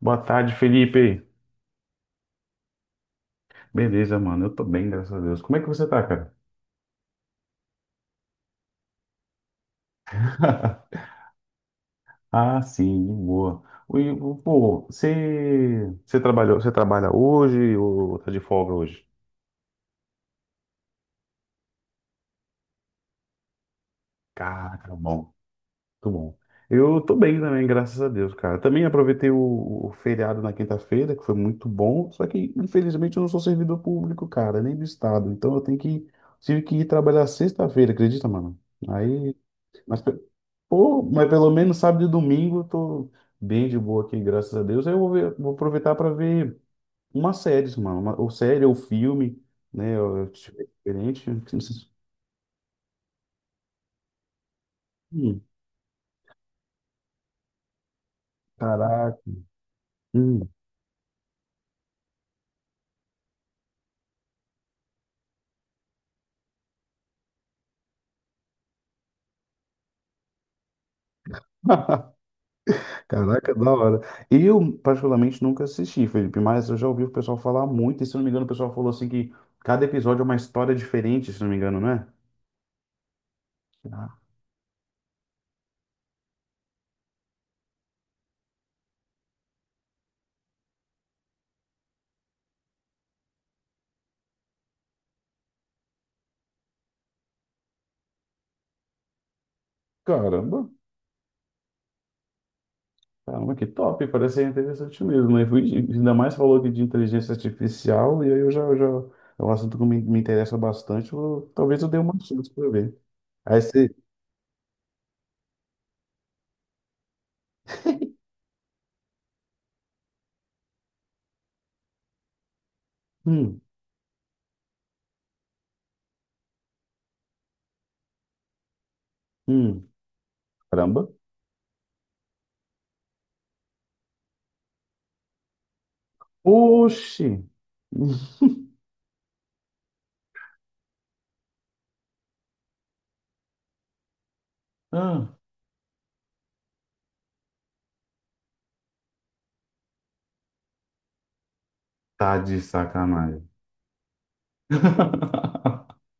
Boa tarde, Felipe. Beleza, mano. Eu tô bem, graças a Deus. Como é que você tá, cara? Ah, sim, de boa. Pô, você trabalhou, você trabalha hoje ou tá de folga hoje? Cara, bom, muito bom. Eu tô bem também, graças a Deus, cara. Também aproveitei o feriado na quinta-feira, que foi muito bom. Só que, infelizmente, eu não sou servidor público, cara, nem do estado. Tive que ir trabalhar sexta-feira, acredita, mano? Aí, mas, pô, mas pelo menos sábado e domingo eu tô bem de boa aqui, graças a Deus. Aí eu vou aproveitar para ver uma série, mano. Uma, ou série ou filme, né? Eu tiver diferente. Hum, caraca. Hum. Caraca, da hora. Eu, particularmente, nunca assisti, Felipe, mas eu já ouvi o pessoal falar muito, e, se não me engano, o pessoal falou assim que cada episódio é uma história diferente, se não me engano, né? Ah. Cara, caramba, que top, parece ser interessante mesmo, né? Ainda mais falou aqui de inteligência artificial, e aí eu já é um assunto que me interessa bastante, talvez eu dê uma chance para ver. Aí você. Hum, hum, caramba. Oxi! Ah, tá de sacanagem.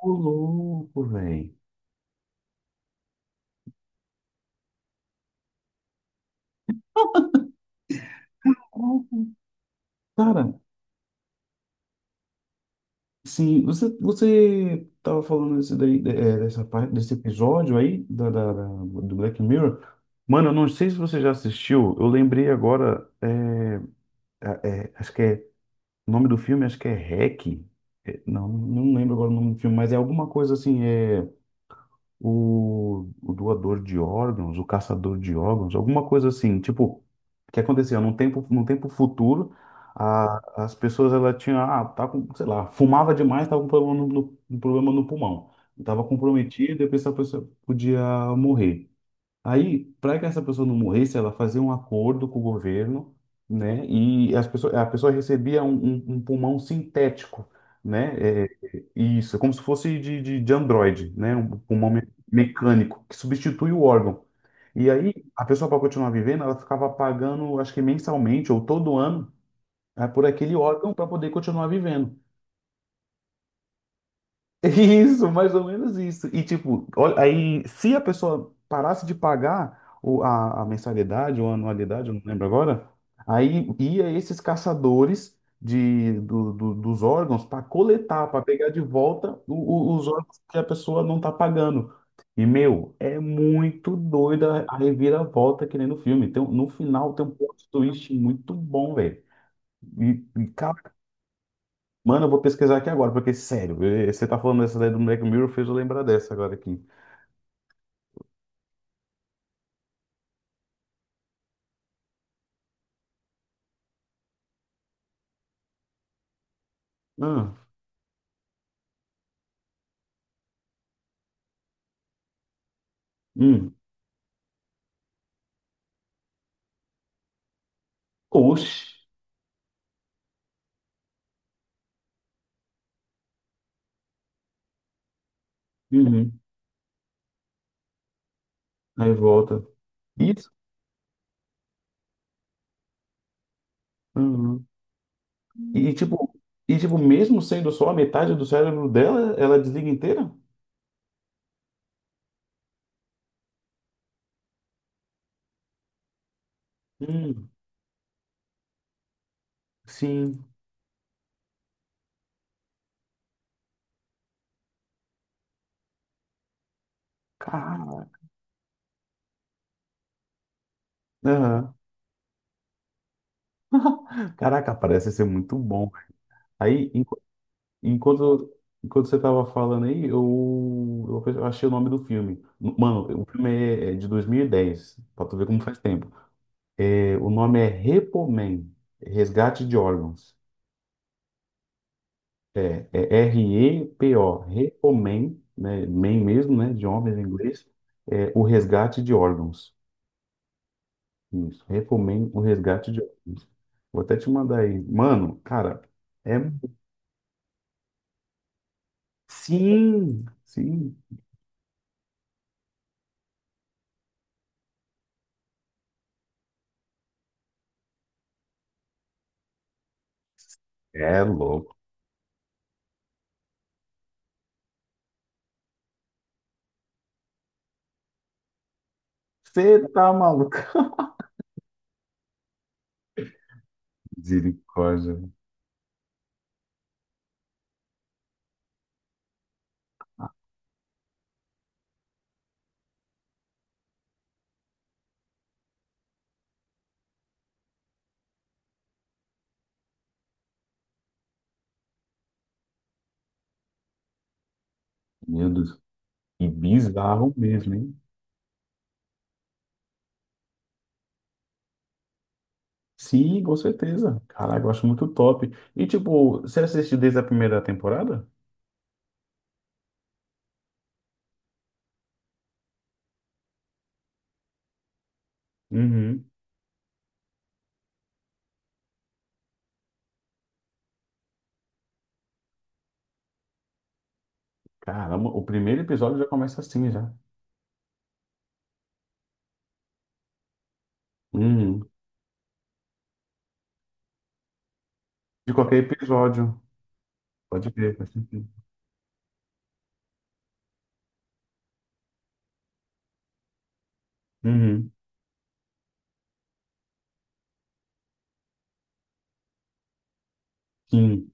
Ô louco, velho. Cara, sim, você tava falando desse daí, dessa parte desse episódio aí do Black Mirror. Mano, eu não sei se você já assistiu. Eu lembrei agora, acho que é o nome do filme, acho que é Hack. Não, não lembro agora o nome do filme, mas é alguma coisa assim. É, o doador de órgãos, o caçador de órgãos, alguma coisa assim, tipo, que acontecia num tempo futuro, as pessoas ela tinha, ah, tá com, sei lá, fumava demais, tava com problema um problema no pulmão, estava comprometido, e a pessoa podia morrer. Aí, para que essa pessoa não morresse, ela fazia um acordo com o governo, né? E a pessoa recebia um pulmão sintético, né? É, isso, é como se fosse de Android, né? Um pulmão mecânico que substitui o órgão. E aí, a pessoa, para continuar vivendo, ela ficava pagando, acho que mensalmente ou todo ano, ah, por aquele órgão para poder continuar vivendo. Isso, mais ou menos isso. E tipo, olha, aí se a pessoa parasse de pagar a mensalidade ou a anualidade, eu não lembro agora, aí ia esses caçadores dos órgãos para coletar, para pegar de volta os órgãos que a pessoa não está pagando. E, meu, é muito doida a reviravolta que nem no filme. No final tem um plot twist muito bom, velho. E, e, Mano, eu vou pesquisar aqui agora, porque, sério, eh, você tá falando dessa daí do Black Mirror, fez eu lembrar dessa agora aqui. Ah, hum. Oxi. Uhum. Aí volta. Isso. Uhum. E, tipo, e, tipo, mesmo sendo só a metade do cérebro dela, ela desliga inteira? Hum. Sim. Cara. Aham. Caraca, parece ser muito bom. Aí, enquanto, enquanto você tava falando aí, eu achei o nome do filme. Mano, o filme é de 2010. Pra tu ver como faz tempo. O nome é Repomen, resgate de órgãos. É R-E-P-O, Repomen, né, men mesmo, né, de homens em inglês, é o resgate de órgãos. Isso, Repomen, o resgate de órgãos. Vou até te mandar aí. Mano, cara, é... Sim, sim, é louco. Você tá maluco? Misericórdia, meu Deus. E bizarro mesmo, hein? Sim, com certeza. Caraca, eu acho muito top. E, tipo, você assistiu desde a primeira temporada? Uhum. Caramba, o primeiro episódio já começa assim, já. Uhum. De qualquer episódio. Pode ver, faz sentido. Uhum. Sim.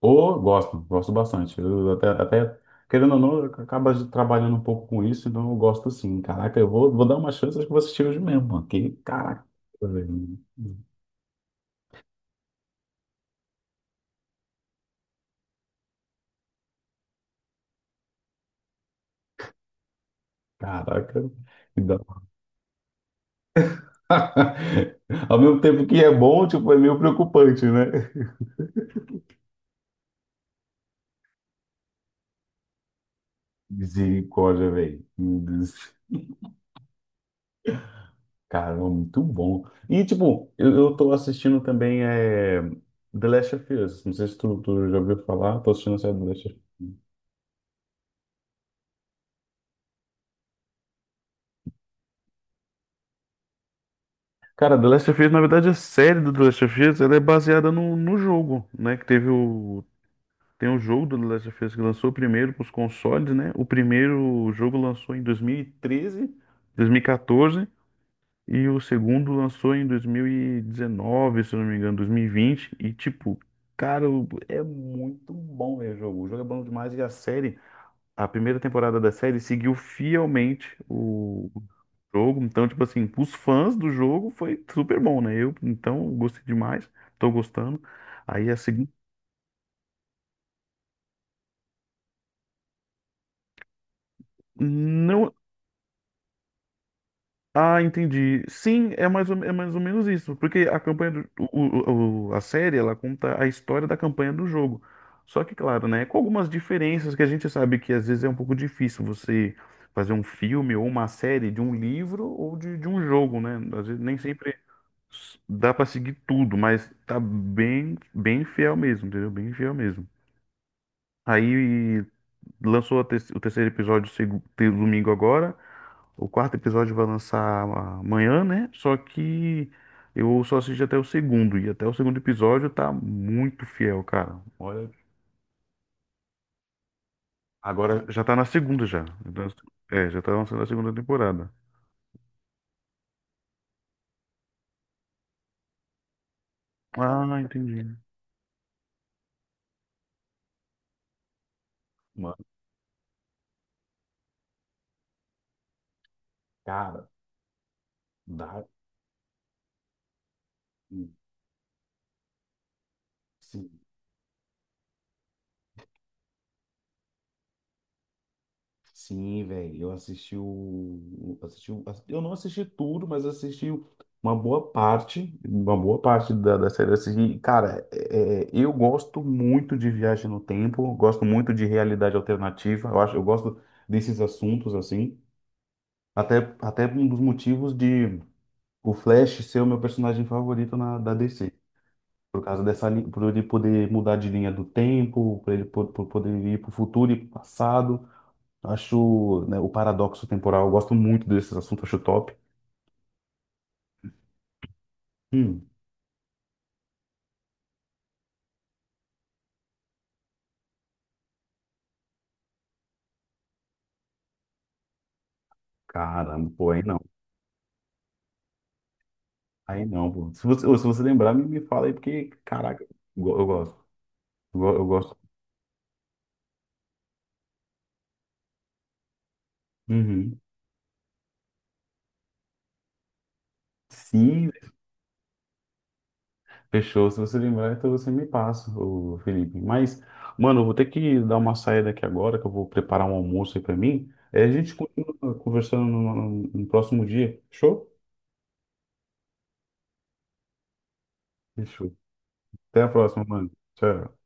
Ou gosto, gosto bastante. Querendo ou não, acaba trabalhando um pouco com isso, então eu gosto sim. Caraca, vou dar uma chance, acho que vou assistir hoje mesmo, mano. Que, caraca, velho. Caraca. Ao mesmo tempo que é bom, tipo, é meio preocupante, né? Misericórdia, velho. Meu Deus. Cara, é muito bom. E, tipo, eu tô assistindo também The Last of Us. Não sei se tu já ouviu falar, tô assistindo a série The Last of Us. Cara, The Last of Us, na verdade, a série do The Last of Us, ela é baseada no jogo, né? Que teve o... Tem o jogo do The Last of Us que lançou primeiro para os consoles, né? O primeiro jogo lançou em dois dois mil mil e treze, dois mil e 2014. E o segundo lançou em 2019, se eu não me engano, 2020. E, vinte. E, tipo, cara, é muito bom ver o jogo. O jogo é bom demais. E a série, a primeira temporada da série seguiu fielmente o jogo. Então, tipo assim, os fãs do jogo foi super bom, né? Eu, então, gostei demais. Tô gostando. Aí a segunda. Não, ah, entendi. Sim, é mais ou menos isso, porque a campanha do, o- a série, ela conta a história da campanha do jogo. Só que, claro, né, com algumas diferenças que a gente sabe que às vezes é um pouco difícil você fazer um filme ou uma série de um livro ou de um jogo, né? Às vezes nem sempre dá para seguir tudo, mas tá bem bem fiel mesmo, entendeu? Bem fiel mesmo. Aí lançou o terceiro episódio domingo agora. O quarto episódio vai lançar amanhã, né? Só que eu só assisti até o segundo. E até o segundo episódio tá muito fiel, cara. Olha, agora já tá na segunda já. Então, é, já tá lançando a segunda temporada. Ah, entendi. Mano, cara, dá. Sim, velho, assisti eu não assisti tudo, mas assisti uma boa parte da série. Eu assisti, cara, eu gosto muito de viagem no tempo, gosto muito de realidade alternativa. Eu gosto desses assuntos assim. Até um dos motivos de o Flash ser o meu personagem favorito na, da DC. Por causa dessa, por ele poder mudar de linha do tempo, por ele por poder ir para o futuro e pro passado. Acho, né, o paradoxo temporal, eu gosto muito desses assuntos, acho top. Hum, caramba, pô, aí não. Aí não, pô. Se se você lembrar, me fala aí, porque, caraca, eu gosto. Eu gosto. Uhum. Sim, fechou. Se você lembrar, então você me passa, ô Felipe. Mas, mano, eu vou ter que dar uma saída aqui agora, que eu vou preparar um almoço aí pra mim. Aí a gente continua conversando no próximo dia. Fechou? Fechou. Até a próxima, mano. Tchau.